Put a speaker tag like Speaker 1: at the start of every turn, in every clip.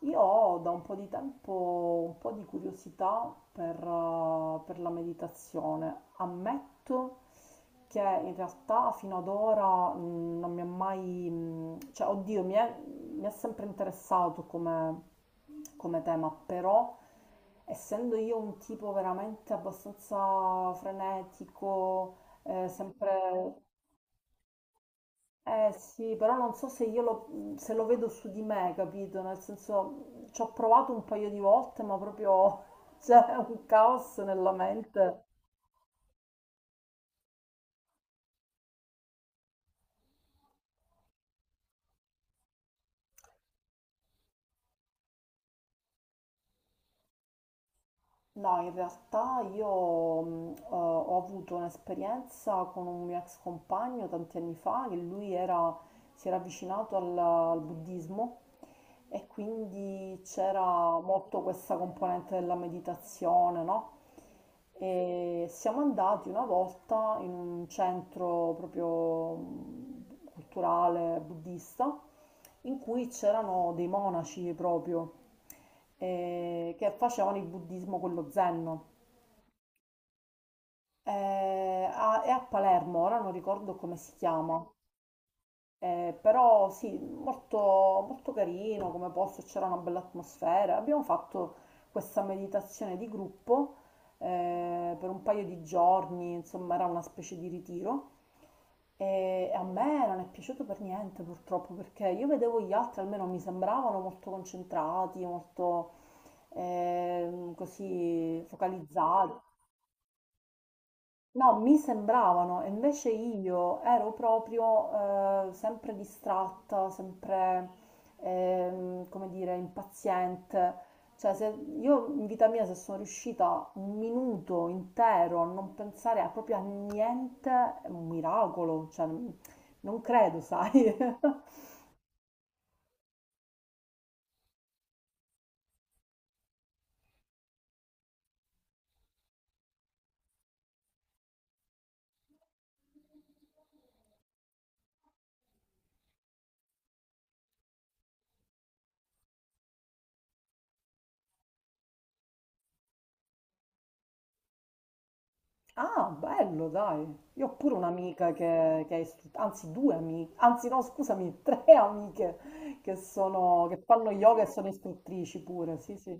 Speaker 1: Io ho da un po' di tempo un po' di curiosità per la meditazione. Ammetto che in realtà fino ad ora non mi ha mai, cioè oddio, mi è sempre interessato come, come tema, però essendo io un tipo veramente abbastanza frenetico, sempre eh sì, però non so se io se lo vedo su di me, capito? Nel senso, ci ho provato un paio di volte, ma proprio c'è un caos nella mente. No, in realtà io ho avuto un'esperienza con un mio ex compagno tanti anni fa, che si era avvicinato al buddismo e quindi c'era molto questa componente della meditazione, no? E siamo andati una volta in un centro proprio culturale buddista in cui c'erano dei monaci proprio che facevano il buddismo, quello zen. È a Palermo, ora non ricordo come si chiama. Però sì, molto, molto carino come posto, c'era una bella atmosfera. Abbiamo fatto questa meditazione di gruppo per un paio di giorni, insomma era una specie di ritiro. E a me non è piaciuto per niente purtroppo perché io vedevo gli altri, almeno mi sembravano molto concentrati, molto così focalizzati. No, mi sembravano, e invece io ero proprio sempre distratta, sempre, come dire, impaziente. Cioè, io in vita mia se sono riuscita un minuto intero a non pensare proprio a niente, è un miracolo, cioè, non credo, sai? Ah, bello, dai. Io ho pure un'amica che è istruttrice, anzi due amiche, anzi no, scusami, tre amiche che sono, che fanno yoga e sono istruttrici pure, sì, sì.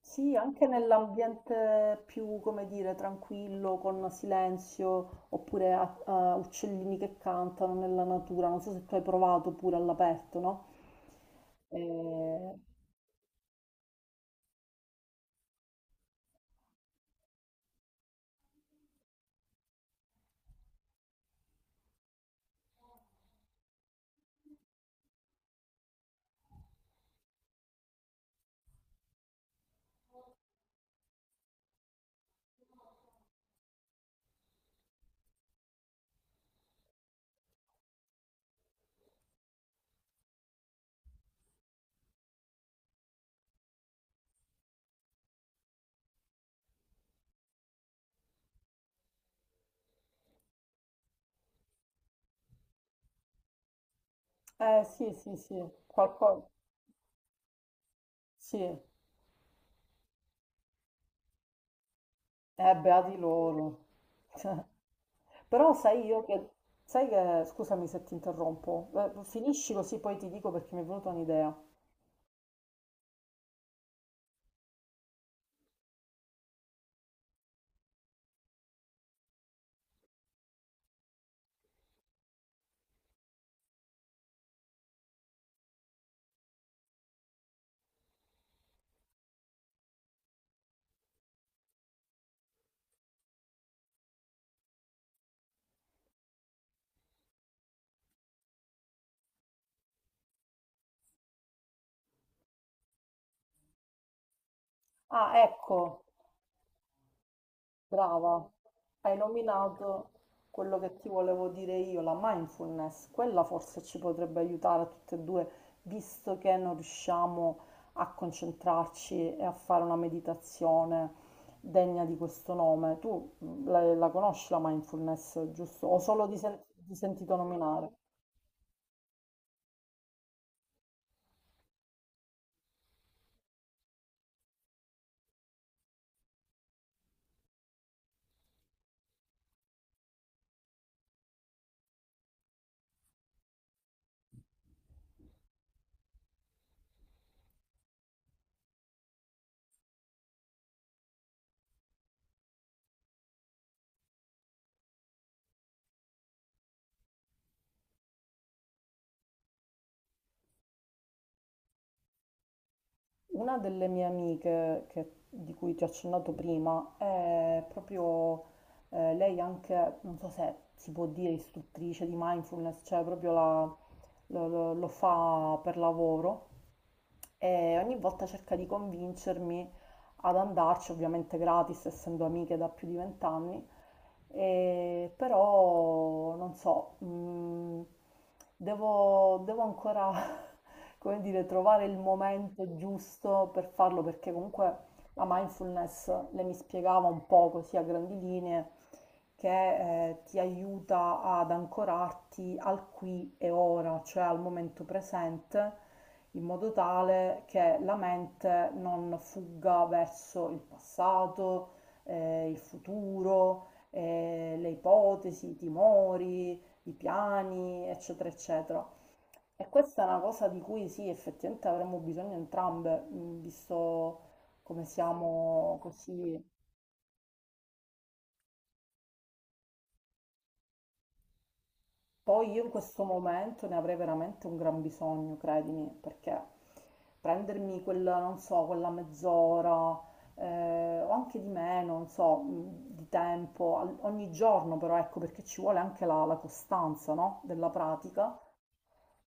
Speaker 1: Sì, anche nell'ambiente più, come dire, tranquillo, con silenzio, oppure a uccellini che cantano nella natura. Non so se tu hai provato pure all'aperto, no? Eh, sì, sì, sì, qualcosa. Sì, beati loro. Però sai io che, sai che, scusami se ti interrompo, finisci così poi ti dico perché mi è venuta un'idea. Ah, ecco, brava, hai nominato quello che ti volevo dire io, la mindfulness. Quella forse ci potrebbe aiutare a tutte e due, visto che non riusciamo a concentrarci e a fare una meditazione degna di questo nome. Tu la conosci la mindfulness, giusto? O solo di sentito nominare? Una delle mie amiche di cui ti ho accennato prima è proprio lei anche, non so se si può dire istruttrice di mindfulness, cioè proprio lo fa per lavoro e ogni volta cerca di convincermi ad andarci, ovviamente gratis, essendo amiche da più di vent'anni, e però non so, devo ancora, come dire, trovare il momento giusto per farlo, perché comunque la mindfulness le mi spiegava un po' così a grandi linee, che ti aiuta ad ancorarti al qui e ora, cioè al momento presente, in modo tale che la mente non fugga verso il passato, il futuro, le ipotesi, i timori, i piani, eccetera, eccetera. E questa è una cosa di cui sì, effettivamente avremmo bisogno entrambe, visto come siamo così. Poi io in questo momento ne avrei veramente un gran bisogno, credimi, perché prendermi quella, non so, quella mezz'ora, o anche di meno, non so, di tempo, ogni giorno però, ecco, perché ci vuole anche la costanza, no? Della pratica,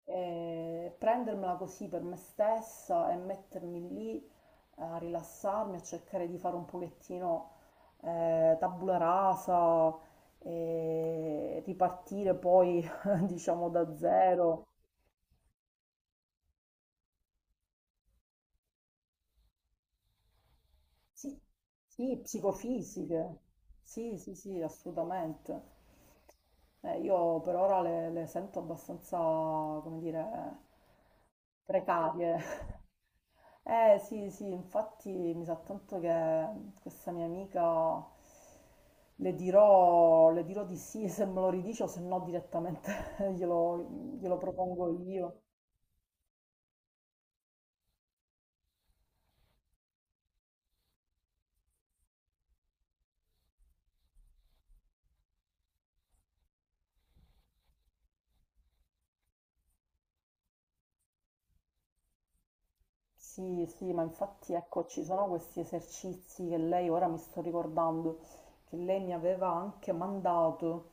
Speaker 1: e prendermela così per me stessa e mettermi lì a rilassarmi, a cercare di fare un pochettino tabula rasa e ripartire poi, diciamo, da zero. Sì, sì, psicofisiche, sì, sì, sì, assolutamente. Io per ora le sento abbastanza, come dire, precarie. Eh sì, sì, infatti mi sa tanto che questa mia amica le dirò di sì se me lo ridice o se no direttamente glielo, glielo propongo io. Sì, sì, ma infatti ecco, ci sono questi esercizi che lei, ora mi sto ricordando, che lei mi aveva anche mandato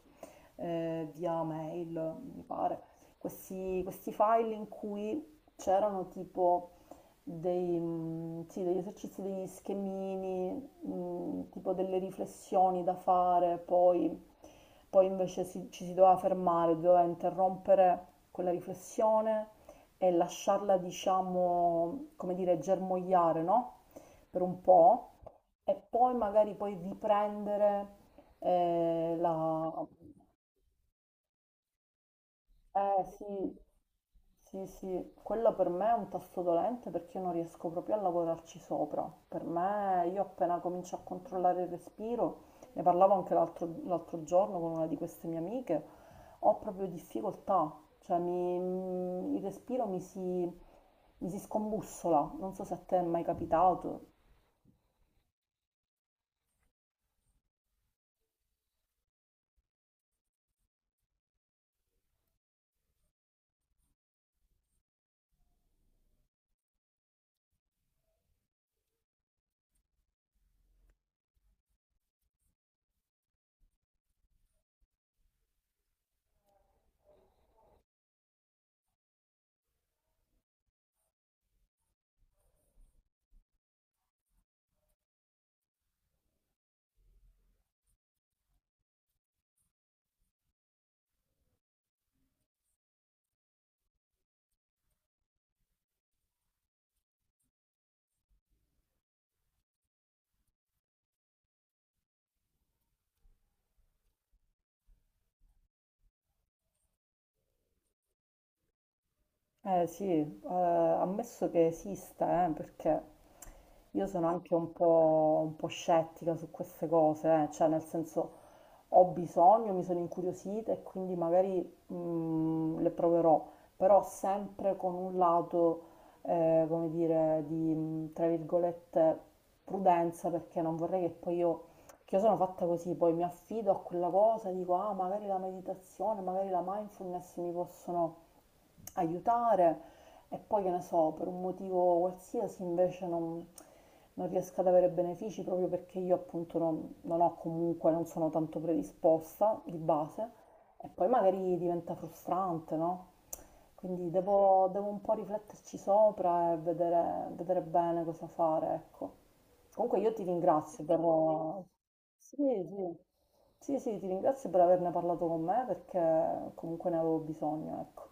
Speaker 1: via mail, mi pare, questi file in cui c'erano tipo sì, degli esercizi, degli schemini, tipo delle riflessioni da fare, poi invece ci si doveva fermare, doveva interrompere quella riflessione e lasciarla, diciamo, come dire, germogliare, no? Per un po' e poi magari poi riprendere eh, la, eh sì, sì, sì, quello per me è un tasto dolente perché io non riesco proprio a lavorarci sopra. Per me, io appena comincio a controllare il respiro, ne parlavo anche l'altro giorno con una di queste mie amiche, ho proprio difficoltà, il respiro mi si scombussola, non so se a te è mai capitato. Eh sì, ammesso che esista, perché io sono anche un po' scettica su queste cose, cioè nel senso ho bisogno, mi sono incuriosita e quindi magari le proverò, però sempre con un lato, come dire, tra virgolette, prudenza, perché non vorrei che poi che io sono fatta così, poi mi affido a quella cosa, dico, ah, magari la meditazione, magari la mindfulness mi possono aiutare e poi che ne so, per un motivo qualsiasi invece non riesco ad avere benefici proprio perché io appunto non ho comunque, non sono tanto predisposta di base e poi magari diventa frustrante, no? Quindi devo un po' rifletterci sopra e vedere, vedere bene cosa fare, ecco. Comunque io ti ringrazio per... Sì, sì. Sì, sì, ti ringrazio per averne parlato con me perché comunque ne avevo bisogno, ecco.